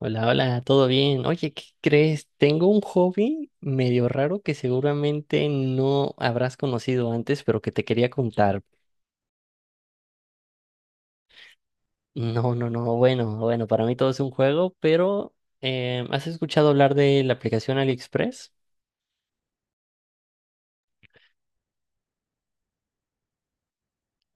Hola, hola, ¿todo bien? Oye, ¿qué crees? Tengo un hobby medio raro que seguramente no habrás conocido antes, pero que te quería contar. No, no, no, bueno, bueno, para mí todo es un juego, pero ¿has escuchado hablar de la aplicación AliExpress?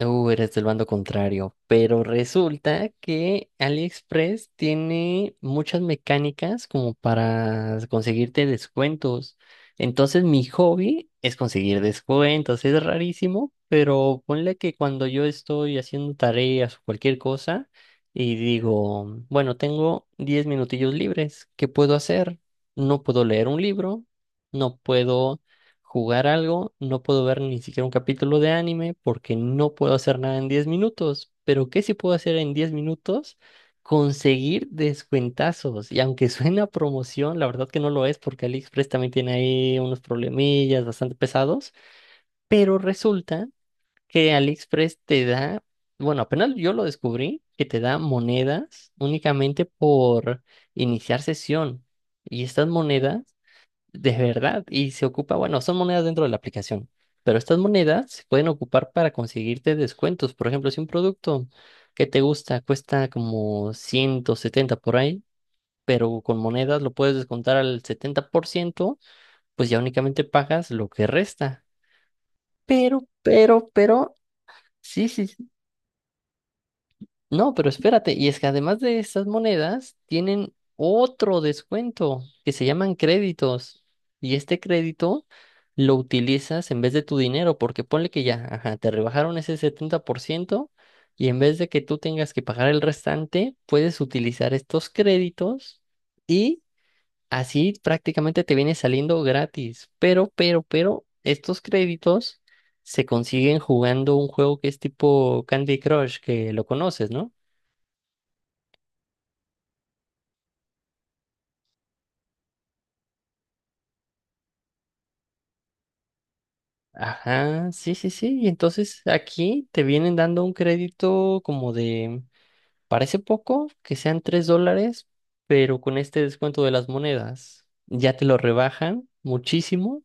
Eres del bando contrario, pero resulta que AliExpress tiene muchas mecánicas como para conseguirte descuentos. Entonces mi hobby es conseguir descuentos, es rarísimo, pero ponle que cuando yo estoy haciendo tareas o cualquier cosa y digo, bueno, tengo 10 minutillos libres, ¿qué puedo hacer? No puedo leer un libro, no puedo jugar algo, no puedo ver ni siquiera un capítulo de anime porque no puedo hacer nada en 10 minutos. Pero ¿qué sí puedo hacer en 10 minutos? Conseguir descuentazos. Y aunque suena a promoción, la verdad que no lo es porque AliExpress también tiene ahí unos problemillas bastante pesados. Pero resulta que AliExpress te da, bueno, apenas yo lo descubrí, que te da monedas únicamente por iniciar sesión. Y estas monedas de verdad, y se ocupa, bueno, son monedas dentro de la aplicación, pero estas monedas se pueden ocupar para conseguirte descuentos. Por ejemplo, si un producto que te gusta cuesta como 170 por ahí, pero con monedas lo puedes descontar al 70%, pues ya únicamente pagas lo que resta. Pero, sí, sí. No, pero espérate, y es que además de esas monedas, tienen otro descuento que se llaman créditos. Y este crédito lo utilizas en vez de tu dinero, porque ponle que ya, ajá, te rebajaron ese 70% y en vez de que tú tengas que pagar el restante, puedes utilizar estos créditos y así prácticamente te viene saliendo gratis. Pero, estos créditos se consiguen jugando un juego que es tipo Candy Crush, que lo conoces, ¿no? Ajá, sí, sí, sí. Y entonces aquí te vienen dando un crédito como de, parece poco, que sean $3, pero con este descuento de las monedas ya te lo rebajan muchísimo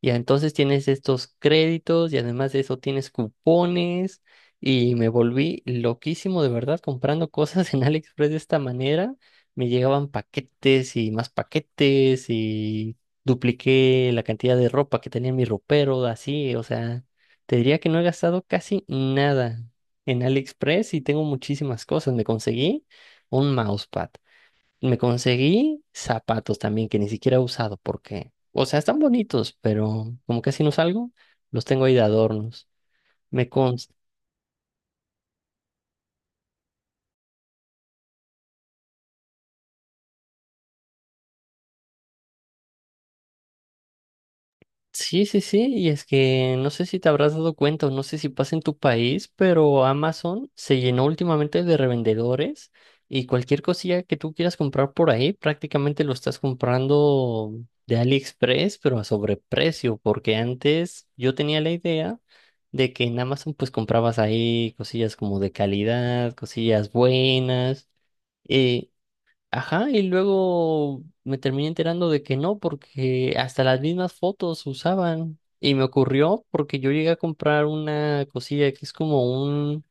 y entonces tienes estos créditos y además de eso tienes cupones y me volví loquísimo de verdad comprando cosas en AliExpress de esta manera. Me llegaban paquetes y más paquetes y dupliqué la cantidad de ropa que tenía en mi ropero, así, o sea, te diría que no he gastado casi nada en AliExpress y tengo muchísimas cosas. Me conseguí un mousepad. Me conseguí zapatos también que ni siquiera he usado porque, o sea, están bonitos, pero como casi no salgo, los tengo ahí de adornos. Me, cons- Sí, sí, sí, y es que no sé si te habrás dado cuenta o no sé si pasa en tu país, pero Amazon se llenó últimamente de revendedores y cualquier cosilla que tú quieras comprar por ahí, prácticamente lo estás comprando de AliExpress, pero a sobreprecio, porque antes yo tenía la idea de que en Amazon pues comprabas ahí cosillas como de calidad, cosillas buenas. Ajá, y luego me terminé enterando de que no, porque hasta las mismas fotos usaban. Y me ocurrió porque yo llegué a comprar una cosilla que es como un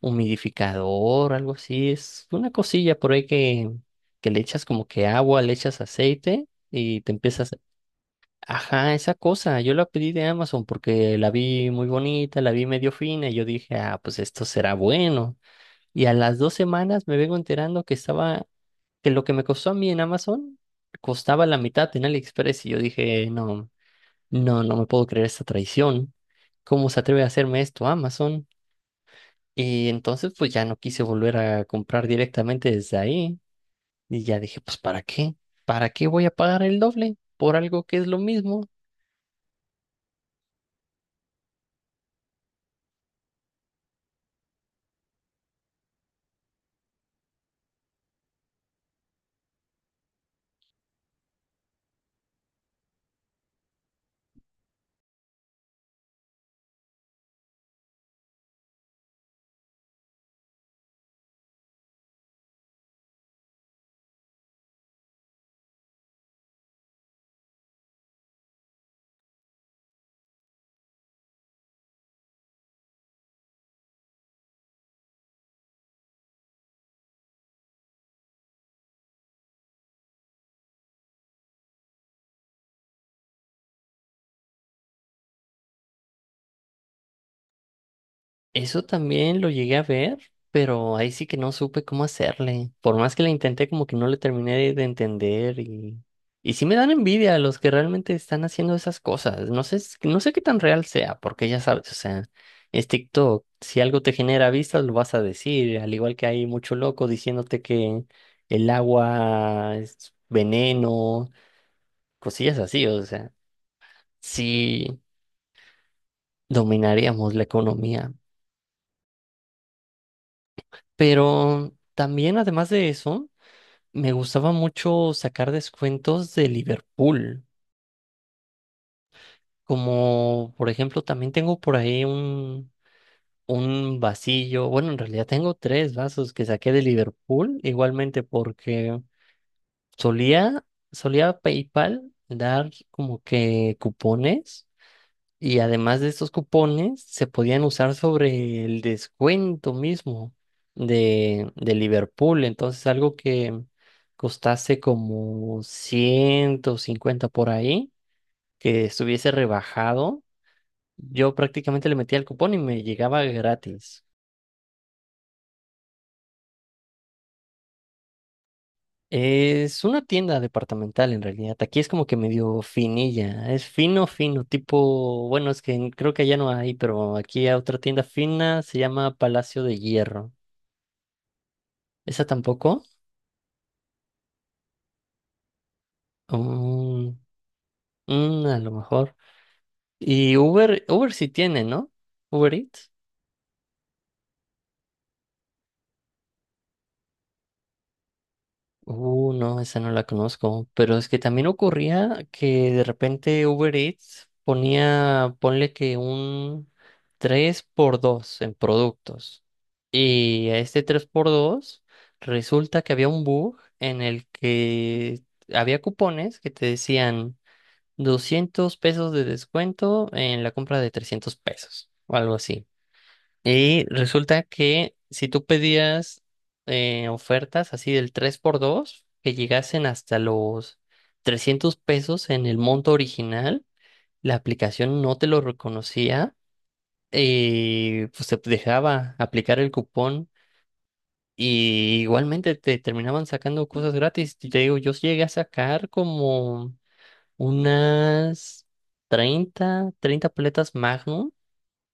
humidificador, algo así. Es una cosilla por ahí que le echas como que agua, le echas aceite y te empiezas. Ajá, esa cosa. Yo la pedí de Amazon porque la vi muy bonita, la vi medio fina y yo dije, ah, pues esto será bueno. Y a las 2 semanas me vengo enterando que estaba, que lo que me costó a mí en Amazon costaba la mitad en AliExpress y yo dije, no, no, no me puedo creer esta traición. ¿Cómo se atreve a hacerme esto Amazon? Y entonces pues ya no quise volver a comprar directamente desde ahí y ya dije, pues ¿para qué? ¿Para qué voy a pagar el doble por algo que es lo mismo? Eso también lo llegué a ver, pero ahí sí que no supe cómo hacerle. Por más que la intenté, como que no le terminé de, entender y sí me dan envidia los que realmente están haciendo esas cosas. No sé, no sé qué tan real sea, porque ya sabes, o sea, es TikTok. Si algo te genera vistas, lo vas a decir. Al igual que hay mucho loco diciéndote que el agua es veneno, cosillas así, o sea, sí dominaríamos la economía. Pero también, además de eso. Me gustaba mucho sacar descuentos de Liverpool, como por ejemplo también tengo por ahí un, vasillo, bueno, en realidad tengo tres vasos que saqué de Liverpool, igualmente porque solía, solía PayPal dar como que cupones. Y además de estos cupones, se podían usar sobre el descuento mismo de Liverpool. Entonces, algo que costase como 150 por ahí, que estuviese rebajado, yo prácticamente le metía el cupón y me llegaba gratis. Es una tienda departamental en realidad. Aquí es como que medio finilla. Es fino, fino, tipo, bueno, es que creo que allá no hay, pero aquí hay otra tienda fina, se llama Palacio de Hierro. Esa tampoco. Oh, a lo mejor. Y Uber sí tiene, ¿no? Uber Eats. No, esa no la conozco. Pero es que también ocurría que de repente Uber Eats ponía, ponle que un 3 por 2 en productos. Y a este 3 por 2 resulta que había un bug en el que había cupones que te decían 200 pesos de descuento en la compra de 300 pesos o algo así. Y resulta que si tú pedías ofertas así del tres por dos que llegasen hasta los 300 pesos en el monto original, la aplicación no te lo reconocía y pues te dejaba aplicar el cupón. Y igualmente te terminaban sacando cosas gratis. Y te digo, yo llegué a sacar como unas treinta paletas Magnum,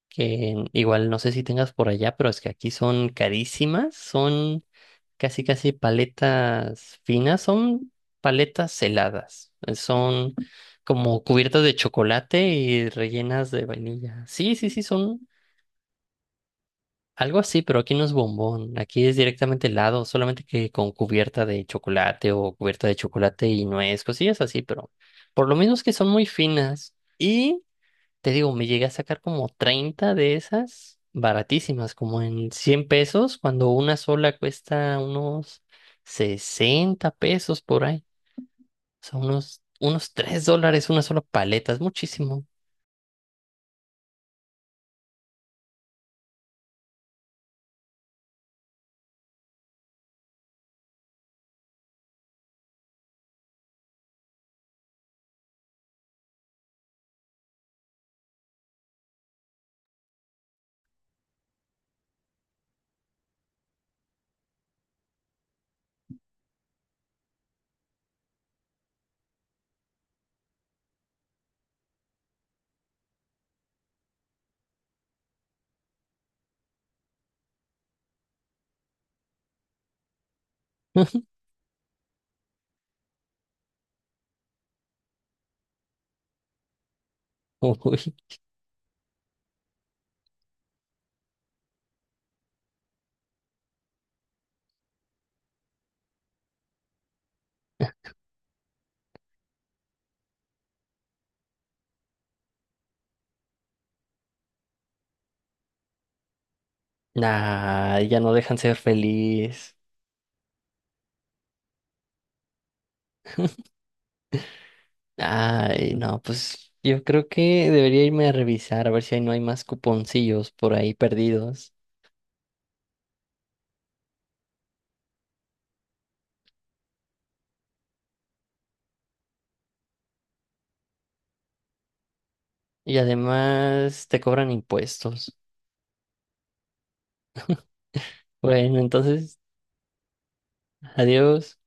que igual no sé si tengas por allá, pero es que aquí son carísimas, son casi casi paletas finas, son paletas heladas, son como cubiertas de chocolate y rellenas de vainilla. Sí, sí, sí, son algo así, pero aquí no es bombón, aquí es directamente helado, solamente que con cubierta de chocolate o cubierta de chocolate y nuez, cosillas así, pero por lo menos que son muy finas. Y te digo, me llegué a sacar como 30 de esas baratísimas, como en 100 pesos, cuando una sola cuesta unos 60 pesos por ahí. O sea, unos $3 una sola paleta, es muchísimo. Uy, nah, ya no dejan ser feliz. Ay, no, pues yo creo que debería irme a revisar a ver si ahí no hay más cuponcillos por ahí perdidos. Y además te cobran impuestos. Bueno, entonces, adiós.